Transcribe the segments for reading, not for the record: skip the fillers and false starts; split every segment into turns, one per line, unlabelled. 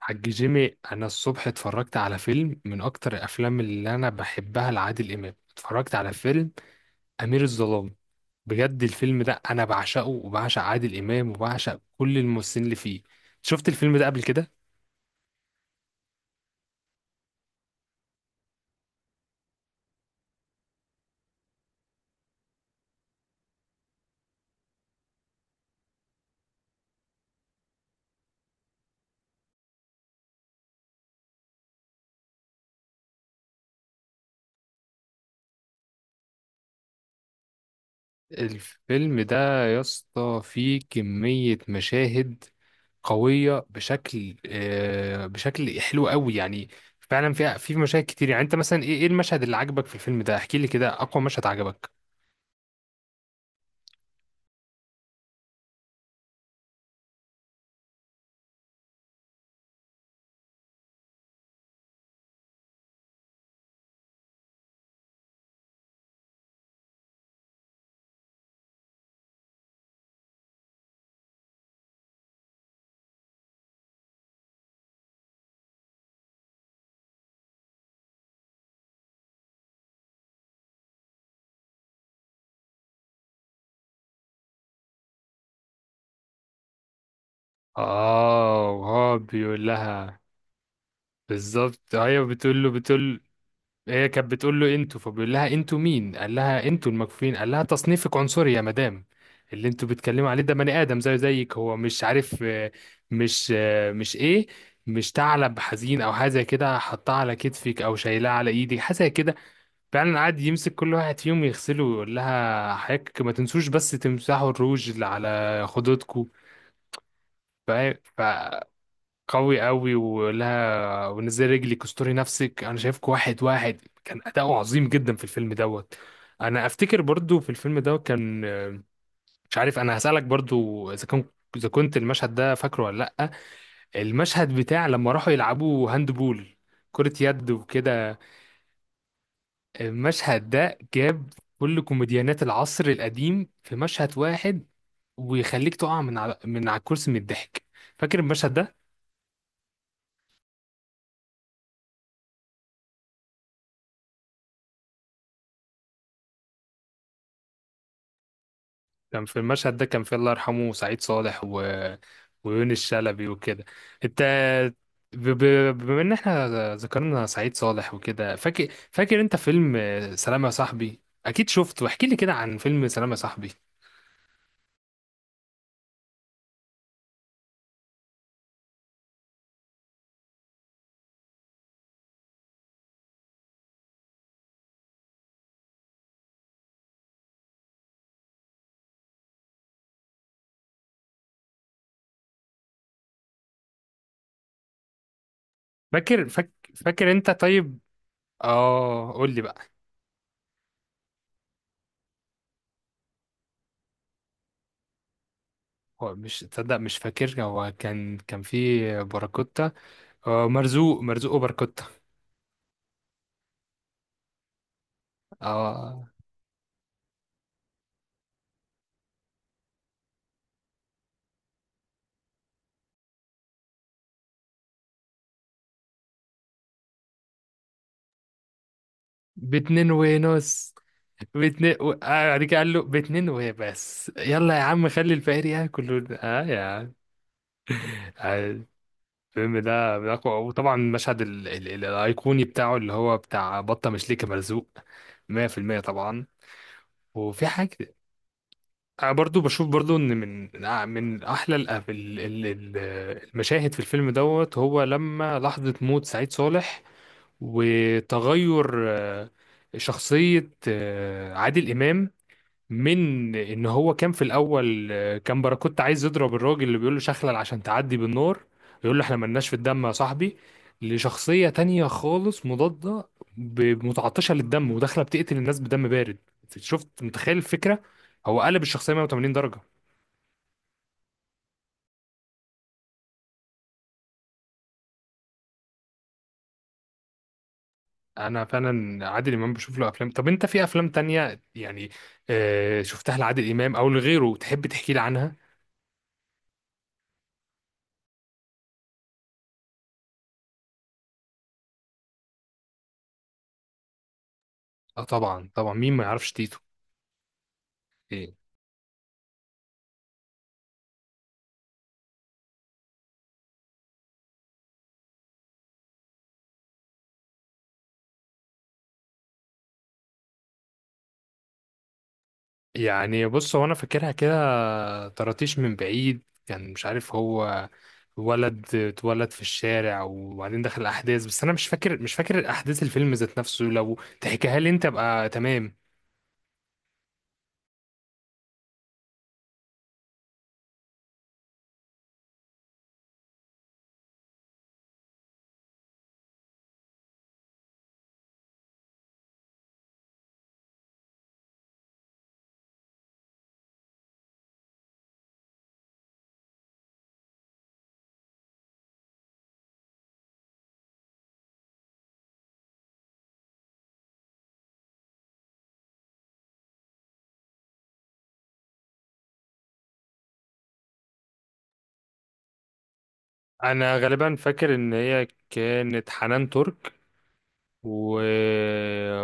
حاج جيمي، انا الصبح اتفرجت على فيلم من اكتر الافلام اللي انا بحبها لعادل امام. اتفرجت على فيلم امير الظلام. بجد الفيلم ده انا بعشقه، وبعشق عادل امام، وبعشق كل الممثلين اللي فيه. شفت الفيلم ده قبل كده؟ الفيلم ده يا اسطى فيه كمية مشاهد قوية بشكل، بشكل حلو قوي يعني. فعلا في مشاهد كتير. يعني انت مثلا ايه المشهد اللي عجبك في الفيلم ده؟ احكي لي كده اقوى مشهد عجبك. اه، وهو بيقول لها بالظبط. هي بتقول له، بتقول. هي كانت بتقول له انتوا، فبيقول لها انتوا مين؟ قال لها انتوا المكفوفين. قال لها تصنيفك عنصري يا مدام، اللي انتوا بتتكلموا عليه ده بني ادم زيه زيك، هو مش عارف مش مش ثعلب حزين او حاجه زي كده، حطها على كتفك او شايلها على ايدك حاجه زي كده. فعلا قعد يمسك كل واحد فيهم يغسله ويقول لها حضرتك ما تنسوش بس تمسحوا الروج اللي على خدودكم. ف... ف... قوي قوي ولها، ونزل رجلك، استوري نفسك، انا شايفك. واحد واحد كان اداؤه عظيم جدا في الفيلم دوت. انا افتكر برضو في الفيلم دوت كان، مش عارف، انا هسألك برضو اذا كنت المشهد ده فاكره ولا لا؟ المشهد بتاع لما راحوا يلعبوا هاند بول، كرة يد وكده. المشهد ده جاب كل كوميديانات العصر القديم في مشهد واحد، ويخليك تقع من على الكرسي من الضحك. فاكر المشهد ده؟ كان في المشهد ده، كان في الله يرحمه سعيد صالح، و... ويونس شلبي وكده. انت، ب... ب... بما ان احنا ذكرنا سعيد صالح وكده، فاكر انت فيلم سلام يا صاحبي؟ اكيد شفته. احكي لي كده عن فيلم سلام يا صاحبي. فاكر انت طيب؟ اه، قول لي بقى. هو مش تصدق، مش فاكر، هو كان في باراكوتا. مرزوق مرزوق وباراكوتا. اه، باتنين ونص. باتنين و... بعد كده قال له باتنين وبس، يلا يا عم خلي الفقير ياكل، اه يا عم. آه، الفيلم ده من أقوى. وطبعا المشهد الايقوني بتاعه اللي هو بتاع "بطه مش ليكي مرزوق". 100% طبعا. وفي حاجه، أنا برضو بشوف برضو ان من، من احلى ال... ال- المشاهد في الفيلم دوت، هو لما لحظه موت سعيد صالح، وتغير شخصية عادل إمام، من ان هو كان في الاول، كان باراكوتا عايز يضرب الراجل اللي بيقول له "شخلل عشان تعدي بالنار"، يقول له "احنا ملناش في الدم يا صاحبي"، لشخصية تانية خالص مضادة، متعطشة للدم، وداخلة بتقتل الناس بدم بارد. شفت؟ متخيل الفكرة؟ هو قلب الشخصية 180 درجة. انا فعلا عادل امام بشوف له افلام. طب انت في افلام تانية يعني شفتها لعادل امام او لغيره تحب تحكي لي عنها؟ اه، طبعا طبعا، مين ما يعرفش تيتو. إيه؟ يعني بص، هو انا فاكرها كده. طرطيش من بعيد، كان مش عارف هو ولد اتولد في الشارع، وبعدين دخل الاحداث. بس انا مش فاكر احداث الفيلم ذات نفسه. لو تحكيها لي انت ابقى تمام. انا غالبا فاكر ان هي كانت حنان ترك، و...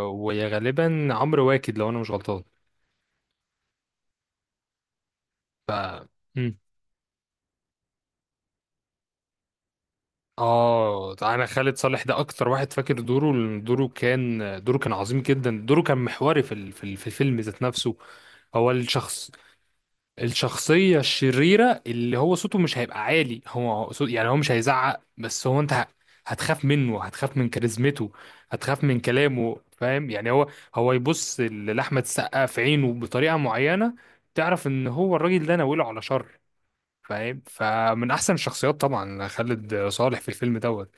ويا غالبا عمرو واكد لو انا مش غلطان. ف مم. اه انا، خالد صالح ده اكتر واحد فاكر دوره، لأن دوره كان عظيم جدا. دوره كان محوري في الفيلم ذات نفسه. هو الشخصية الشريرة، اللي هو صوته مش هيبقى عالي، هو صوت يعني هو مش هيزعق. بس هو انت هتخاف منه، هتخاف من كاريزمته، هتخاف من كلامه. فاهم يعني؟ هو يبص لأحمد السقا في عينه بطريقة معينة، تعرف ان هو الراجل ده ناوله على شر. فاهم؟ فمن احسن الشخصيات طبعا خالد صالح في الفيلم دوت.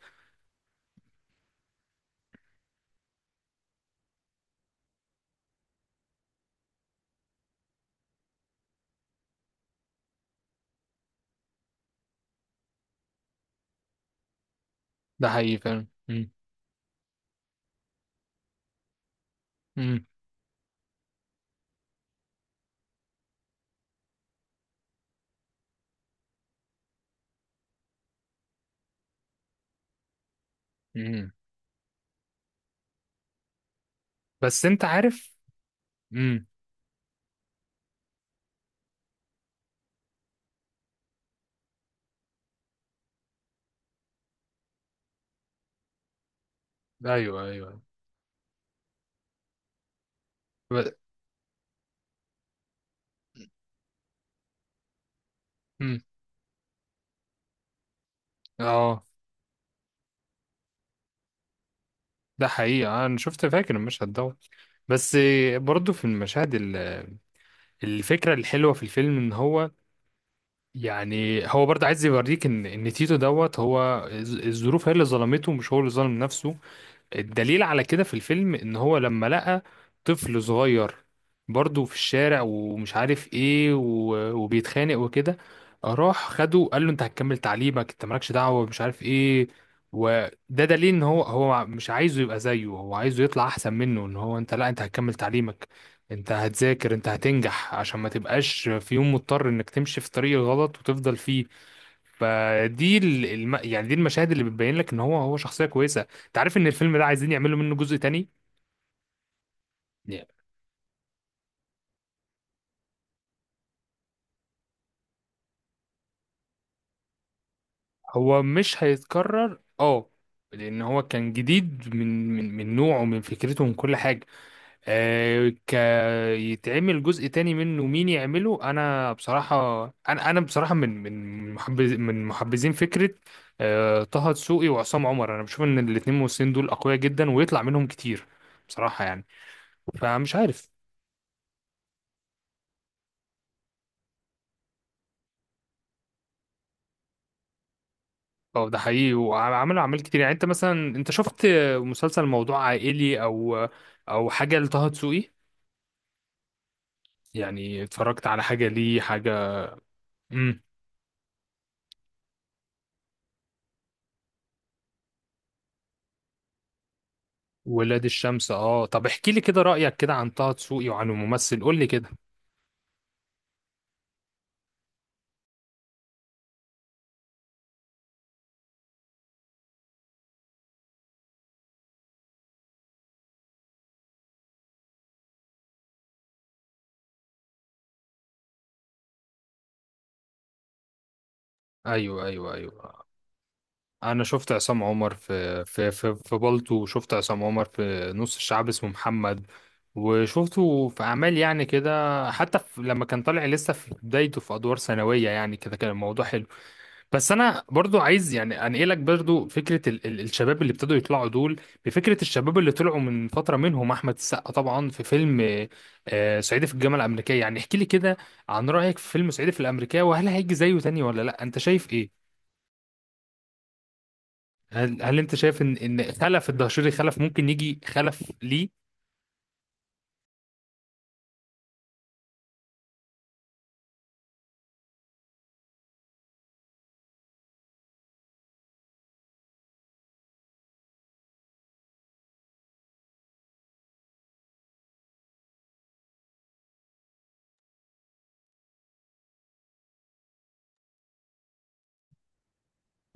ده حقيقي. فاهم؟ مم. مم. مم. بس انت عارف. مم. ايوه، ايوه. ب... مم. اه، ده حقيقة. أنا شفت، فاكر المشهد ده. بس برضه في المشاهد. الفكرة الحلوة في الفيلم إن هو، يعني هو برضه عايز يوريك إن تيتو دوت، هو الظروف هي اللي ظلمته، مش هو اللي ظلم نفسه. الدليل على كده في الفيلم، ان هو لما لقى طفل صغير برضه في الشارع، ومش عارف ايه، وبيتخانق وكده، راح خده قال له انت هتكمل تعليمك، انت مالكش دعوة مش عارف ايه. وده دليل ان هو مش عايزه يبقى زيه، هو عايزه يطلع احسن منه، ان هو انت، لا انت هتكمل تعليمك، انت هتذاكر، انت هتنجح، عشان ما تبقاش في يوم مضطر انك تمشي في طريق غلط وتفضل فيه. فدي يعني دي المشاهد اللي بتبين لك ان هو شخصيه كويسه. انت عارف ان الفيلم ده عايزين يعملوا منه جزء تاني؟ يعني هو مش هيتكرر، اه. لان هو كان جديد من نوعه، من فكرته، من كل حاجه. آه ك يتعمل جزء تاني منه، مين يعمله؟ انا بصراحه، انا بصراحه من محبذين فكره طه دسوقي وعصام عمر. انا بشوف ان الاثنين ممثلين دول اقوياء جدا، ويطلع منهم كتير بصراحه يعني. فمش عارف. اه، ده حقيقي، وعملوا اعمال كتير. يعني انت مثلا، انت شفت مسلسل "موضوع عائلي"، او حاجه لطه دسوقي؟ يعني اتفرجت على حاجه ليه، حاجه؟ امم ولاد الشمس. اه، طب احكي لي كده رايك كده عن طه دسوقي وعن الممثل، قول لي كده. ايوه، ايوه، ايوه. انا شفت عصام عمر في "بالطو"، وشفت عصام عمر في "نص الشعب اسمه محمد"، وشفته في اعمال يعني كده. حتى في لما كان طالع لسه في بدايته في ادوار ثانويه يعني كده، كان الموضوع حلو. بس انا برضو عايز يعني انقلك برضو فكره ال الشباب اللي ابتدوا يطلعوا دول. بفكره الشباب اللي طلعوا من فتره، منهم احمد السقا طبعا في فيلم "صعيدي في الجامعه الامريكيه". يعني احكي لي كده عن رايك في فيلم "صعيدي في الامريكيه"، وهل هيجي زيه تاني ولا لا، انت شايف ايه؟ هل انت شايف ان خلف الدهشوري، خلف ممكن يجي خلف ليه؟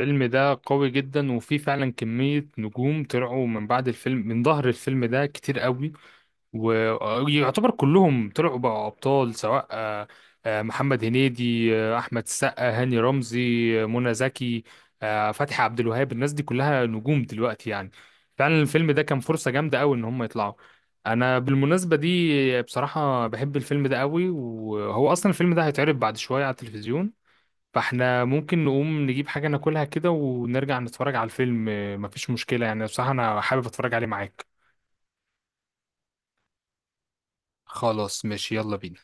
الفيلم ده قوي جدا، وفيه فعلا كميه نجوم طلعوا من بعد الفيلم، من ظهر الفيلم ده كتير قوي. ويعتبر كلهم طلعوا بقى ابطال، سواء محمد هنيدي، احمد السقا، هاني رمزي، منى زكي، فتحي عبد الوهاب. الناس دي كلها نجوم دلوقتي يعني. فعلا الفيلم ده كان فرصة جامدة قوي ان هم يطلعوا. انا بالمناسبة دي بصراحة بحب الفيلم ده قوي، وهو اصلا الفيلم ده هيتعرض بعد شوية على التلفزيون. فاحنا ممكن نقوم نجيب حاجة ناكلها كده ونرجع نتفرج على الفيلم. مفيش مشكلة يعني، بصراحة انا حابب اتفرج عليه معاك. خلاص، ماشي، يلا بينا.